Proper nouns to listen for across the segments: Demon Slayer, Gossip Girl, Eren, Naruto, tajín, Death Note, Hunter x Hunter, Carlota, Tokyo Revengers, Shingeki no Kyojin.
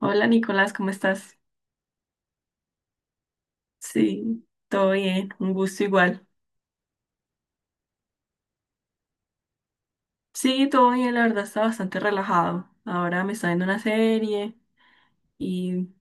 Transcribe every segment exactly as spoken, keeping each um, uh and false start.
Hola Nicolás, ¿cómo estás? Sí, todo bien, un gusto igual. Sí, todo bien, la verdad está bastante relajado. Ahora me está viendo una serie y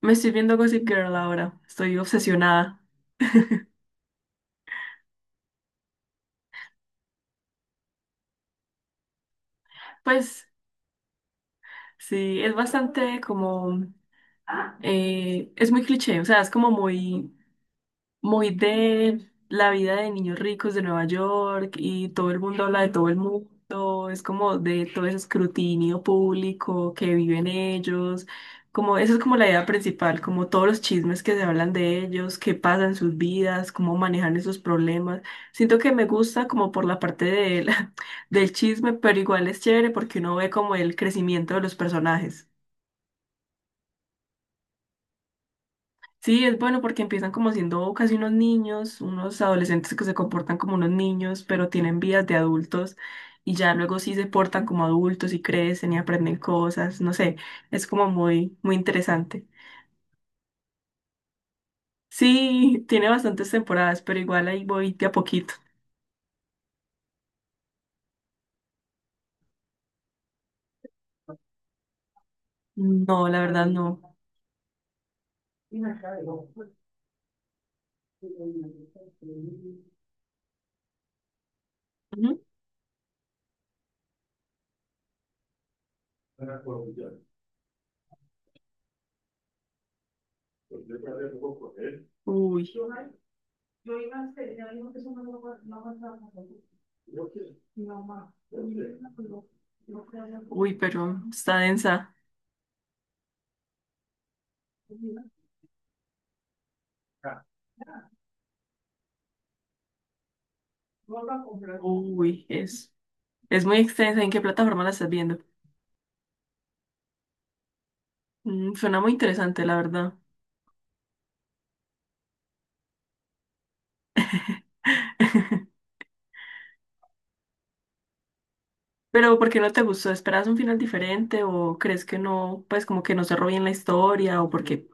me estoy viendo Gossip Girl ahora, estoy obsesionada. Pues sí, es bastante como, eh, es muy cliché, o sea, es como muy muy de la vida de niños ricos de Nueva York, y todo el mundo habla de todo el mundo. Es como de todo ese escrutinio público que viven ellos, como eso es como la idea principal, como todos los chismes que se hablan de ellos, qué pasa en sus vidas, cómo manejan esos problemas. Siento que me gusta como por la parte de la- del chisme, pero igual es chévere porque uno ve como el crecimiento de los personajes. Sí, es bueno porque empiezan como siendo casi unos niños, unos adolescentes que se comportan como unos niños, pero tienen vidas de adultos, y ya luego sí se portan como adultos y crecen y aprenden cosas, no sé, es como muy, muy interesante. Sí, tiene bastantes temporadas, pero igual ahí voy de a poquito. No, la verdad no. Ujú. Uy, uy, pero está densa. Uy, es, es muy extensa. ¿En qué plataforma la estás viendo? Mm, suena muy interesante, la verdad. Pero ¿por qué no te gustó? ¿Esperabas un final diferente o crees que no, pues como que no cerró bien la historia o porque...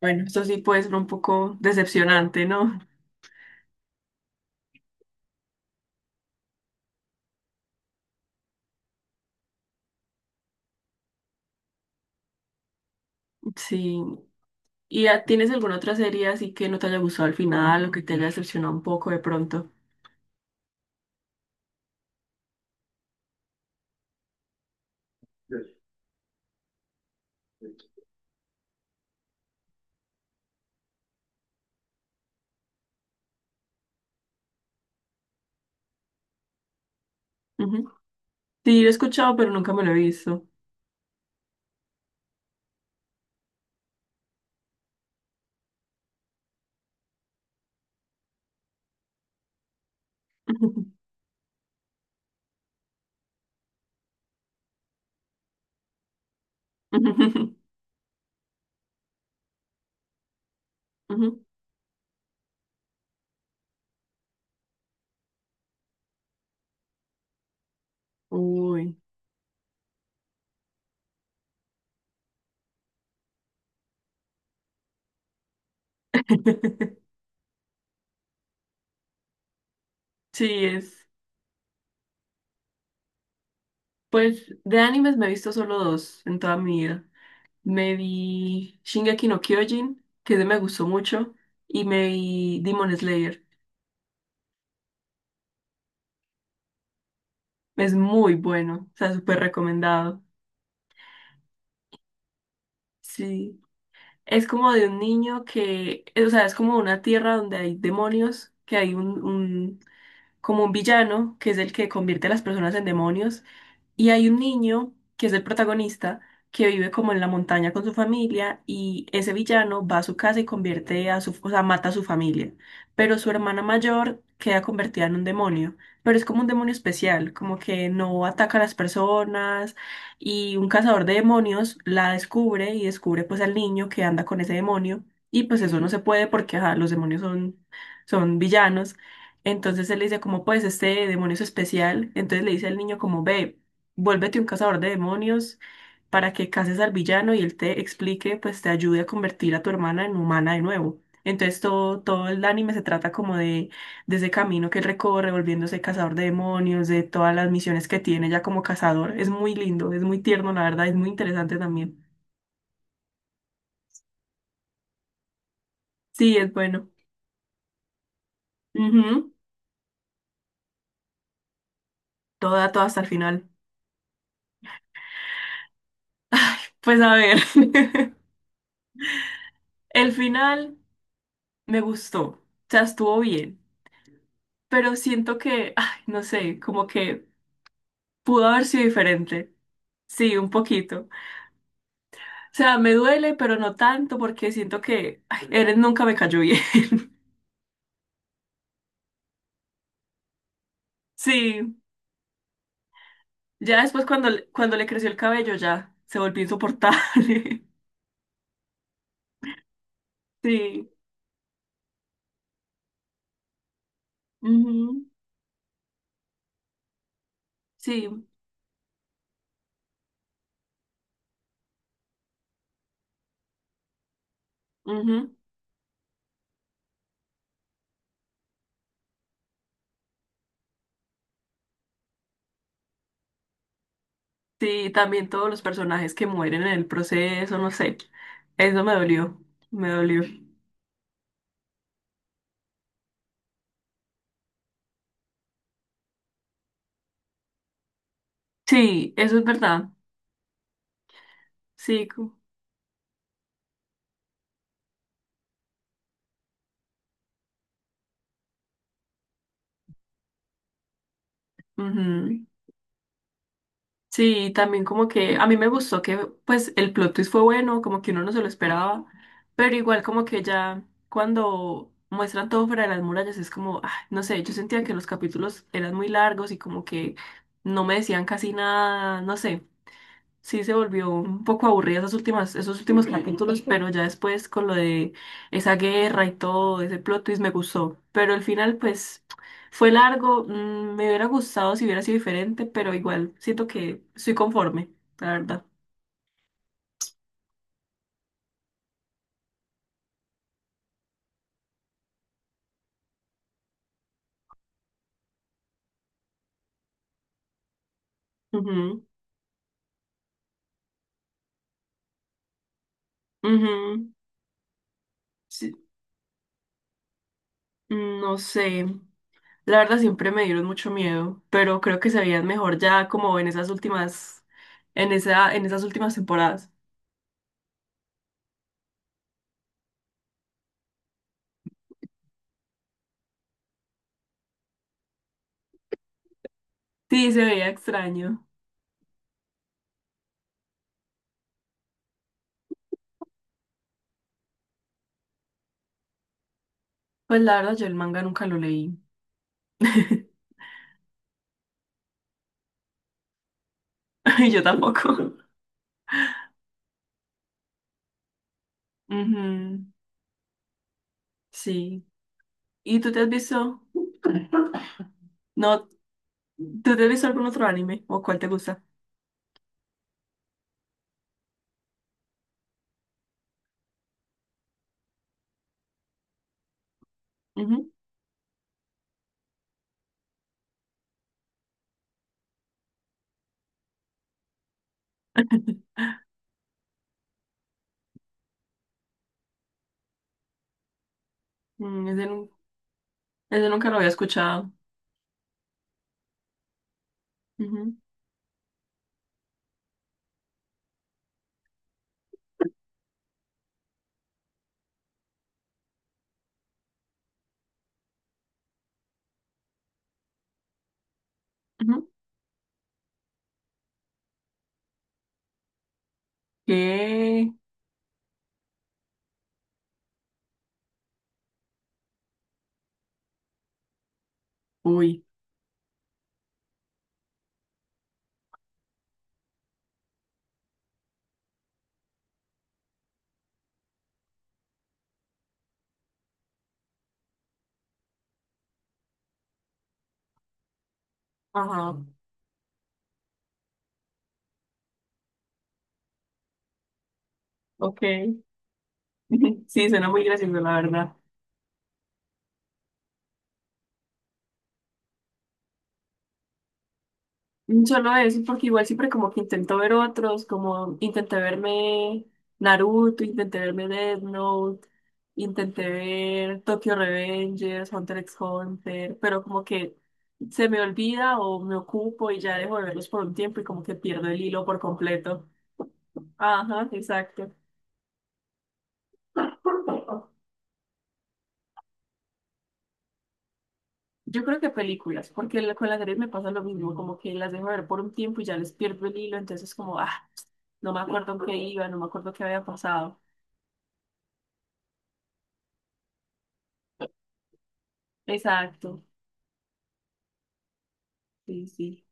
Bueno, esto sí puede ser un poco decepcionante, ¿no? Sí. ¿Y ah, tienes alguna otra serie así que no te haya gustado al final o que te haya decepcionado un poco de pronto? Ujú. Sí, lo he escuchado, pero nunca me lo he visto. Ujú. Uy. Sí, es. Pues de animes me he visto solo dos en toda mi vida. Me vi Shingeki no Kyojin, que ese me gustó mucho, y me vi Demon Slayer. Es muy bueno, o sea, súper recomendado. Sí. Es como de un niño que, o sea, es como una tierra donde hay demonios, que hay un, un, como un villano, que es el que convierte a las personas en demonios. Y hay un niño que es el protagonista, que vive como en la montaña con su familia, y ese villano va a su casa y convierte a su, o sea, mata a su familia. Pero su hermana mayor queda convertida en un demonio, pero es como un demonio especial, como que no ataca a las personas, y un cazador de demonios la descubre y descubre pues al niño que anda con ese demonio, y pues eso no se puede porque ajá, los demonios son, son villanos. Entonces él le dice como pues este demonio es especial, entonces le dice al niño como ve. Vuélvete un cazador de demonios para que cases al villano y él te explique, pues te ayude a convertir a tu hermana en humana de nuevo. Entonces todo, todo el anime se trata como de, de ese camino que él recorre, volviéndose cazador de demonios, de todas las misiones que tiene ya como cazador. Es muy lindo, es muy tierno, la verdad, es muy interesante también. Sí, es bueno. Ujú. Toda, toda hasta el final. Pues a ver, el final me gustó, o sea, estuvo bien, pero siento que, ay, no sé, como que pudo haber sido diferente. Sí, un poquito. O sea, me duele, pero no tanto porque siento que ay, Eren nunca me cayó bien. Sí, ya después cuando, le- cuando le creció el cabello ya se volvió insoportable. Sí, ujú. Sí, ujú. Sí, también todos los personajes que mueren en el proceso, no sé. Eso me dolió, me dolió. Sí, eso es verdad. Sí, ujú. Sí, también como que a mí me gustó que pues el plot twist fue bueno, como que uno no se lo esperaba, pero igual como que ya cuando muestran todo fuera de las murallas es como, ah, no sé, yo sentía que los capítulos eran muy largos y como que no me decían casi nada, no sé, sí se volvió un poco aburrida esas últimas, esos últimos capítulos, pero ya después con lo de esa guerra y todo, ese plot twist me gustó. Pero el final, pues, fue largo, mm, me hubiera gustado si hubiera sido diferente, pero igual siento que estoy conforme, la verdad. Ujú, ujú, sí, mm, no sé. La verdad siempre me dieron mucho miedo, pero creo que se veían mejor ya como en esas últimas, en esa, en esas últimas temporadas. Sí, se veía extraño. Pues la verdad yo el manga nunca lo leí. Yo tampoco. Ujú. Sí. ¿Y tú te has visto? No, ¿tú te has visto algún otro anime? ¿O cuál te gusta? Ujú, mm, ese, nu- ese nunca lo había escuchado. Ujú, ujú. ¿Qué? Uy. Ajá. Ok. Sí, suena muy gracioso, la verdad. Solo eso, porque igual siempre como que intento ver otros, como intenté verme Naruto, intenté verme Death Note, intenté ver Tokyo Revengers, Hunter x Hunter, pero como que se me olvida o me ocupo y ya dejo de verlos por un tiempo y como que pierdo el hilo por completo. Ajá, exacto. Yo creo que películas, porque la- con las series me pasa lo mismo, como que las dejo de ver por un tiempo y ya les pierdo el hilo, entonces como, ah, no me acuerdo en qué iba, no me acuerdo qué había pasado. Exacto. Sí, sí.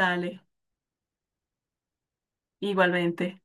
Dale, igualmente.